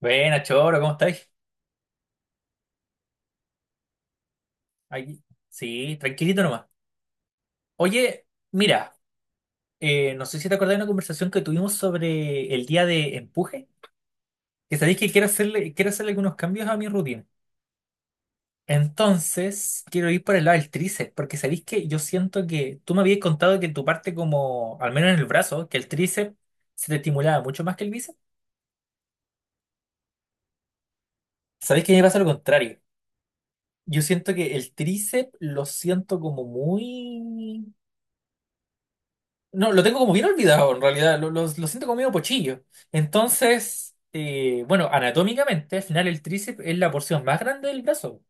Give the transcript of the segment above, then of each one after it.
Buena, Choro, ¿cómo estáis? Aquí. Sí, tranquilito nomás. Oye, mira, no sé si te acordás de una conversación que tuvimos sobre el día de empuje, que sabéis que quiero hacerle algunos cambios a mi rutina. Entonces, quiero ir por el lado del tríceps, porque sabéis que yo siento que tú me habías contado que tu parte como, al menos en el brazo, que el tríceps se te estimulaba mucho más que el bíceps. Sabéis que a mí me pasa lo contrario. Yo siento que el tríceps lo siento como muy... No, lo tengo como bien olvidado en realidad, lo siento como medio pochillo. Entonces, bueno, anatómicamente, al final el tríceps es la porción más grande del brazo.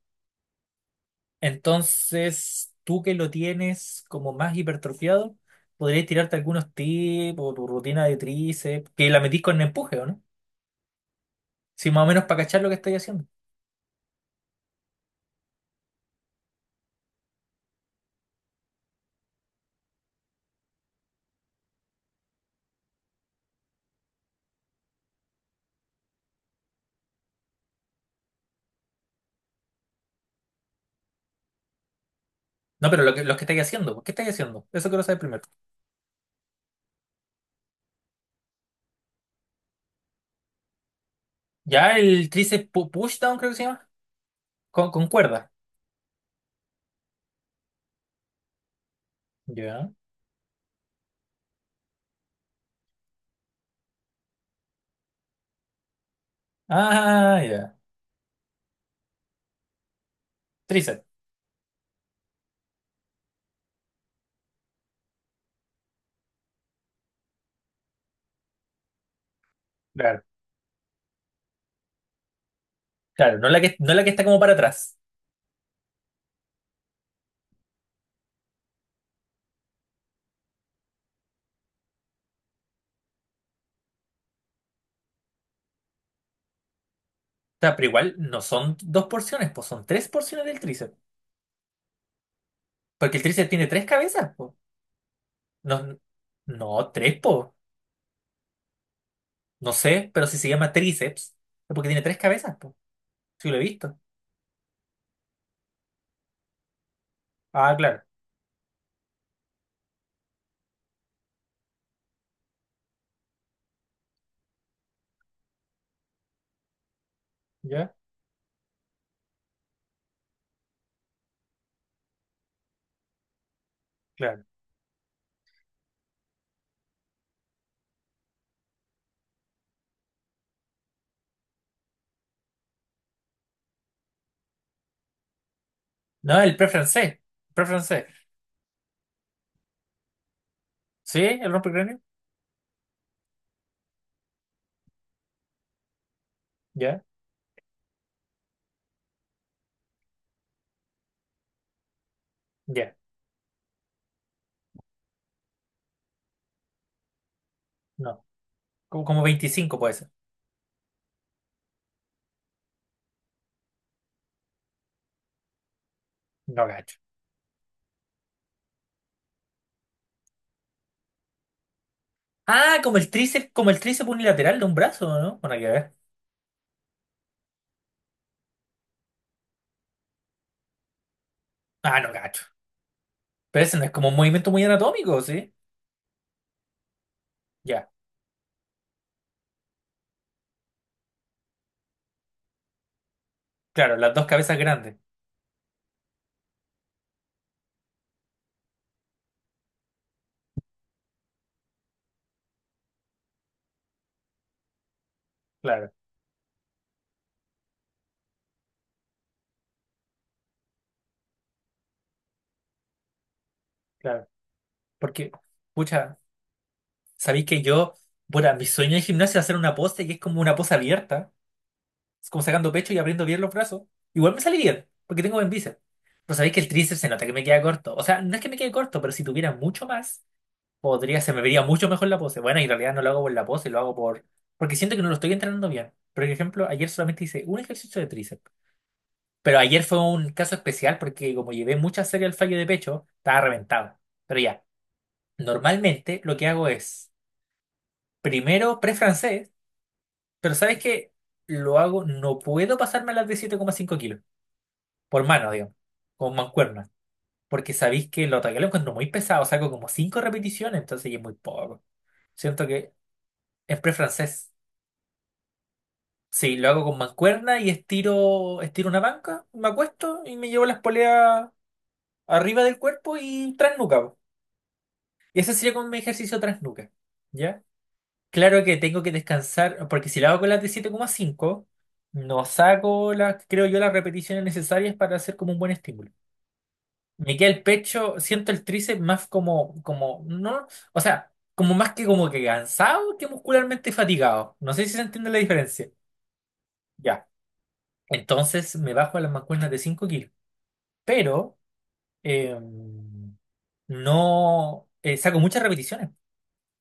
Entonces, tú que lo tienes como más hipertrofiado, podrías tirarte algunos tips o tu rutina de tríceps, que la metís con empuje, ¿o no? Sí, más o menos para cachar lo que estáis haciendo. No, pero lo que estáis haciendo, ¿qué estáis haciendo? Eso quiero saber primero. Ya el tríceps push down creo que se llama, con cuerda. Ya. Ah, ya. Tríceps. Claro, no la que está como para atrás. O sea, pero igual no son dos porciones, pues son tres porciones del tríceps. Porque el tríceps tiene tres cabezas, po. No, no, tres, po. No sé, pero si se llama tríceps, es porque tiene tres cabezas, po. Sí, lo he visto. Ah, claro. Ya, claro. No, el pre francés. Pre francés. ¿Sí? ¿El rompecráneo? Ya, ya. No. Como 25 puede ser. No gacho. Ah, como el tríceps unilateral de un brazo, ¿no? Bueno, hay que ver. Ah, no gacho. Pero ese no es como un movimiento muy anatómico, ¿sí? Ya. Claro, las dos cabezas grandes. Claro, claro. Porque, pucha, sabéis que yo, bueno, mi sueño en gimnasia es hacer una pose que es como una pose abierta, es como sacando pecho y abriendo bien los brazos. Igual me sale bien, porque tengo buen bíceps. Pero sabéis que el tríceps se nota que me queda corto. O sea, no es que me quede corto, pero si tuviera mucho más, podría, se me vería mucho mejor la pose. Bueno, y en realidad no lo hago por la pose, lo hago por. Porque siento que no lo estoy entrenando bien. Por ejemplo, ayer solamente hice un ejercicio de tríceps. Pero ayer fue un caso especial porque como llevé mucha serie al fallo de pecho, estaba reventado. Pero ya. Normalmente lo que hago es primero pre-francés, pero ¿sabes qué? Lo hago, no puedo pasarme a las de 7,5 kilos, por mano, digamos, con mancuerna, porque sabéis que lo ataque lo encuentro muy pesado, saco como 5 repeticiones, entonces ya es muy poco. Siento que es pre-francés. Sí, lo hago con mancuerna y estiro una banca, me acuesto y me llevo las poleas arriba del cuerpo y tras nuca po. Y ese sería como mi ejercicio tras nuca, ¿ya? Claro que tengo que descansar, porque si la hago con las de 7,5 no saco las, creo yo, las repeticiones necesarias para hacer como un buen estímulo. Me queda el pecho, siento el tríceps más no, o sea, como más que como que cansado que muscularmente fatigado. No sé si se entiende la diferencia. Ya. Entonces me bajo a las mancuernas de 5 kilos, pero eh, no saco muchas repeticiones.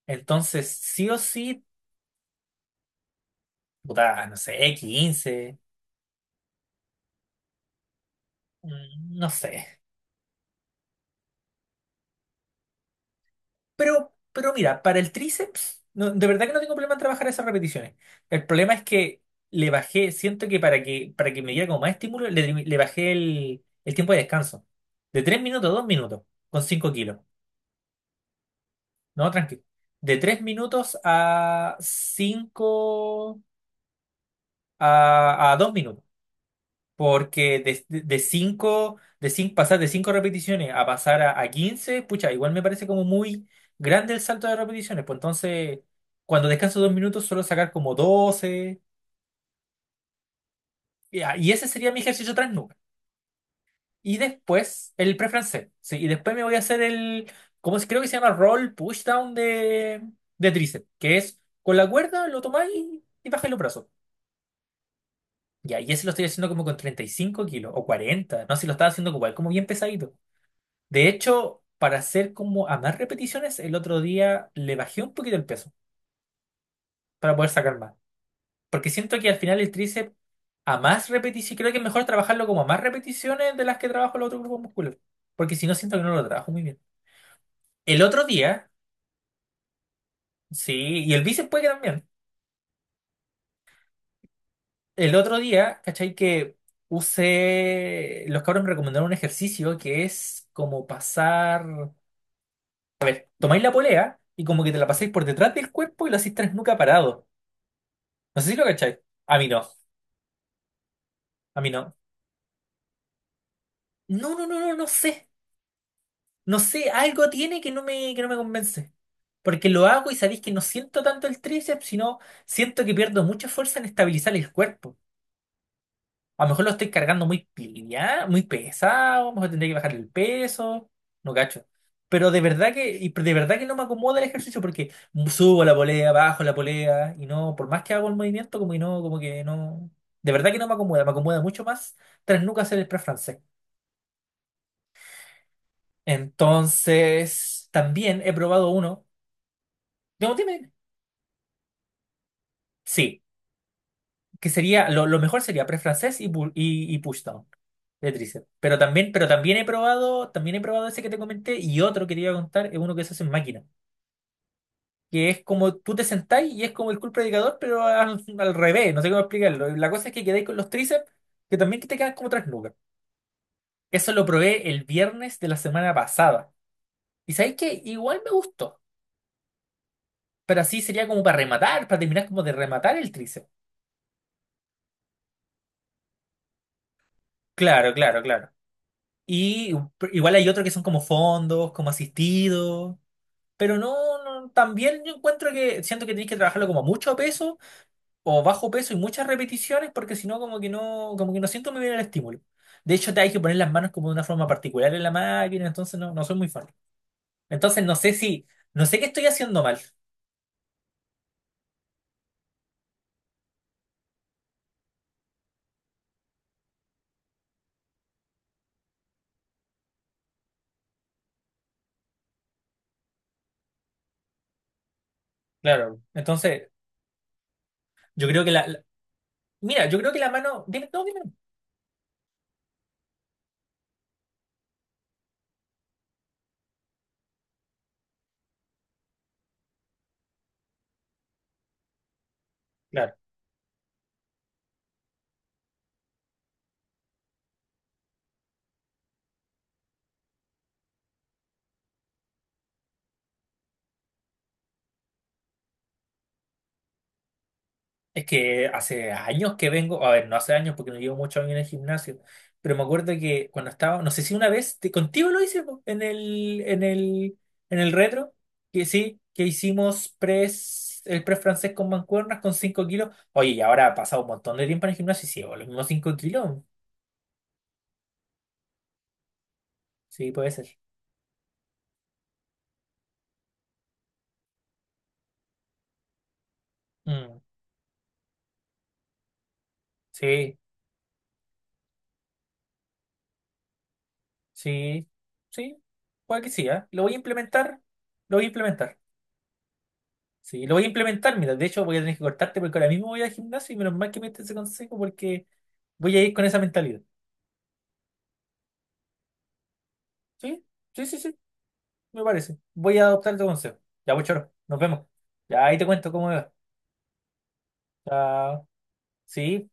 Entonces, sí o sí, puta, no sé, 15 no sé. Pero mira, para el tríceps, de verdad que no tengo problema en trabajar esas repeticiones. El problema es que le bajé, siento que para que me diera como más estímulo, le bajé el tiempo de descanso. De 3 minutos a 2 minutos, con 5 kilos. No, tranquilo. De 3 minutos a 5 a 2 minutos. Porque cinco, de cinco pasar de cinco repeticiones a pasar a 15 pucha, igual me parece como muy grande el salto de repeticiones. Pues entonces, cuando descanso 2 minutos, suelo sacar como 12. Y ese sería mi ejercicio nuca. Y después, el pre-francés. Sí, y después me voy a hacer el, como creo que se llama roll pushdown de tríceps, que es con la cuerda lo tomáis y bajáis los brazos. Ya, y ese lo estoy haciendo como con 35 kilos o 40. No sé si lo estaba haciendo igual, como bien pesadito. De hecho, para hacer como a más repeticiones, el otro día le bajé un poquito el peso para poder sacar más. Porque siento que al final el tríceps a más repeticiones, creo que es mejor trabajarlo como a más repeticiones de las que trabajo el otro grupo muscular. Porque si no, siento que no lo trabajo muy bien. El otro día, sí, y el bíceps puede que también. El otro día, ¿cachai? Que usé, los cabros me recomendaron un ejercicio que es como pasar, tomáis la polea y como que te la pasáis por detrás del cuerpo y lo hacís tres nuca parado. No sé si lo cachai. A mí no. A mí no. No, no, no, no, no sé. No sé, algo tiene que no me convence. Porque lo hago y sabéis que no siento tanto el tríceps, sino siento que pierdo mucha fuerza en estabilizar el cuerpo. A lo mejor lo estoy cargando muy pilla, muy pesado, a lo mejor tendré que bajar el peso, no cacho. Pero de verdad que, y de verdad que no me acomoda el ejercicio porque subo la polea, bajo la polea, y no, por más que hago el movimiento, como que no. De verdad que no me acomoda, me acomoda mucho más tras nunca hacer el press francés. Entonces, también he probado uno. No, dime, dime. Sí, que sería, lo mejor sería press francés y pushdown de tríceps. Pero también, pero también he probado ese que te comenté y otro que te iba a contar es uno que se hace en máquina. Que es como tú te sentás y es como el curl predicador, pero al revés, no sé cómo explicarlo. La cosa es que quedáis con los tríceps que también que te quedan como tres nubes. Eso lo probé el viernes de la semana pasada. Y sabéis que igual me gustó, pero así sería como para rematar, para terminar como de rematar el tríceps. Claro, claro, claro. Y igual hay otros que son como fondos, como asistidos, pero no, no, también yo encuentro que siento que tenéis que trabajarlo como a mucho peso o bajo peso y muchas repeticiones porque si no como que no siento muy bien el estímulo. De hecho, te hay que poner las manos como de una forma particular en la máquina, entonces no, no soy muy fan. Entonces no sé qué estoy haciendo mal. Claro. Entonces, yo creo que mira, yo creo que la mano, dime, no, dime. No. Claro. Es que hace años que vengo, a ver, no hace años porque no llevo muchos años en el gimnasio, pero me acuerdo que cuando estaba, no sé si una vez, contigo lo hice po, en el retro, que sí, que hicimos el press francés con mancuernas con 5 kilos. Oye, y ahora ha pasado un montón de tiempo en el gimnasio y sigo los mismos 5 kilos. Sí, puede ser. Mm, sí, sí, sí, puede que sí, ¿ah? Lo voy a implementar. Sí, lo voy a implementar, mira, de hecho voy a tener que cortarte porque ahora mismo voy al gimnasio y menos mal que me diste ese consejo porque voy a ir con esa mentalidad. Sí, sí, sí, sí, me parece. Voy a adoptar tu consejo. Ya, pues, choro, nos vemos. Ya ahí te cuento cómo me va. Chao. Sí.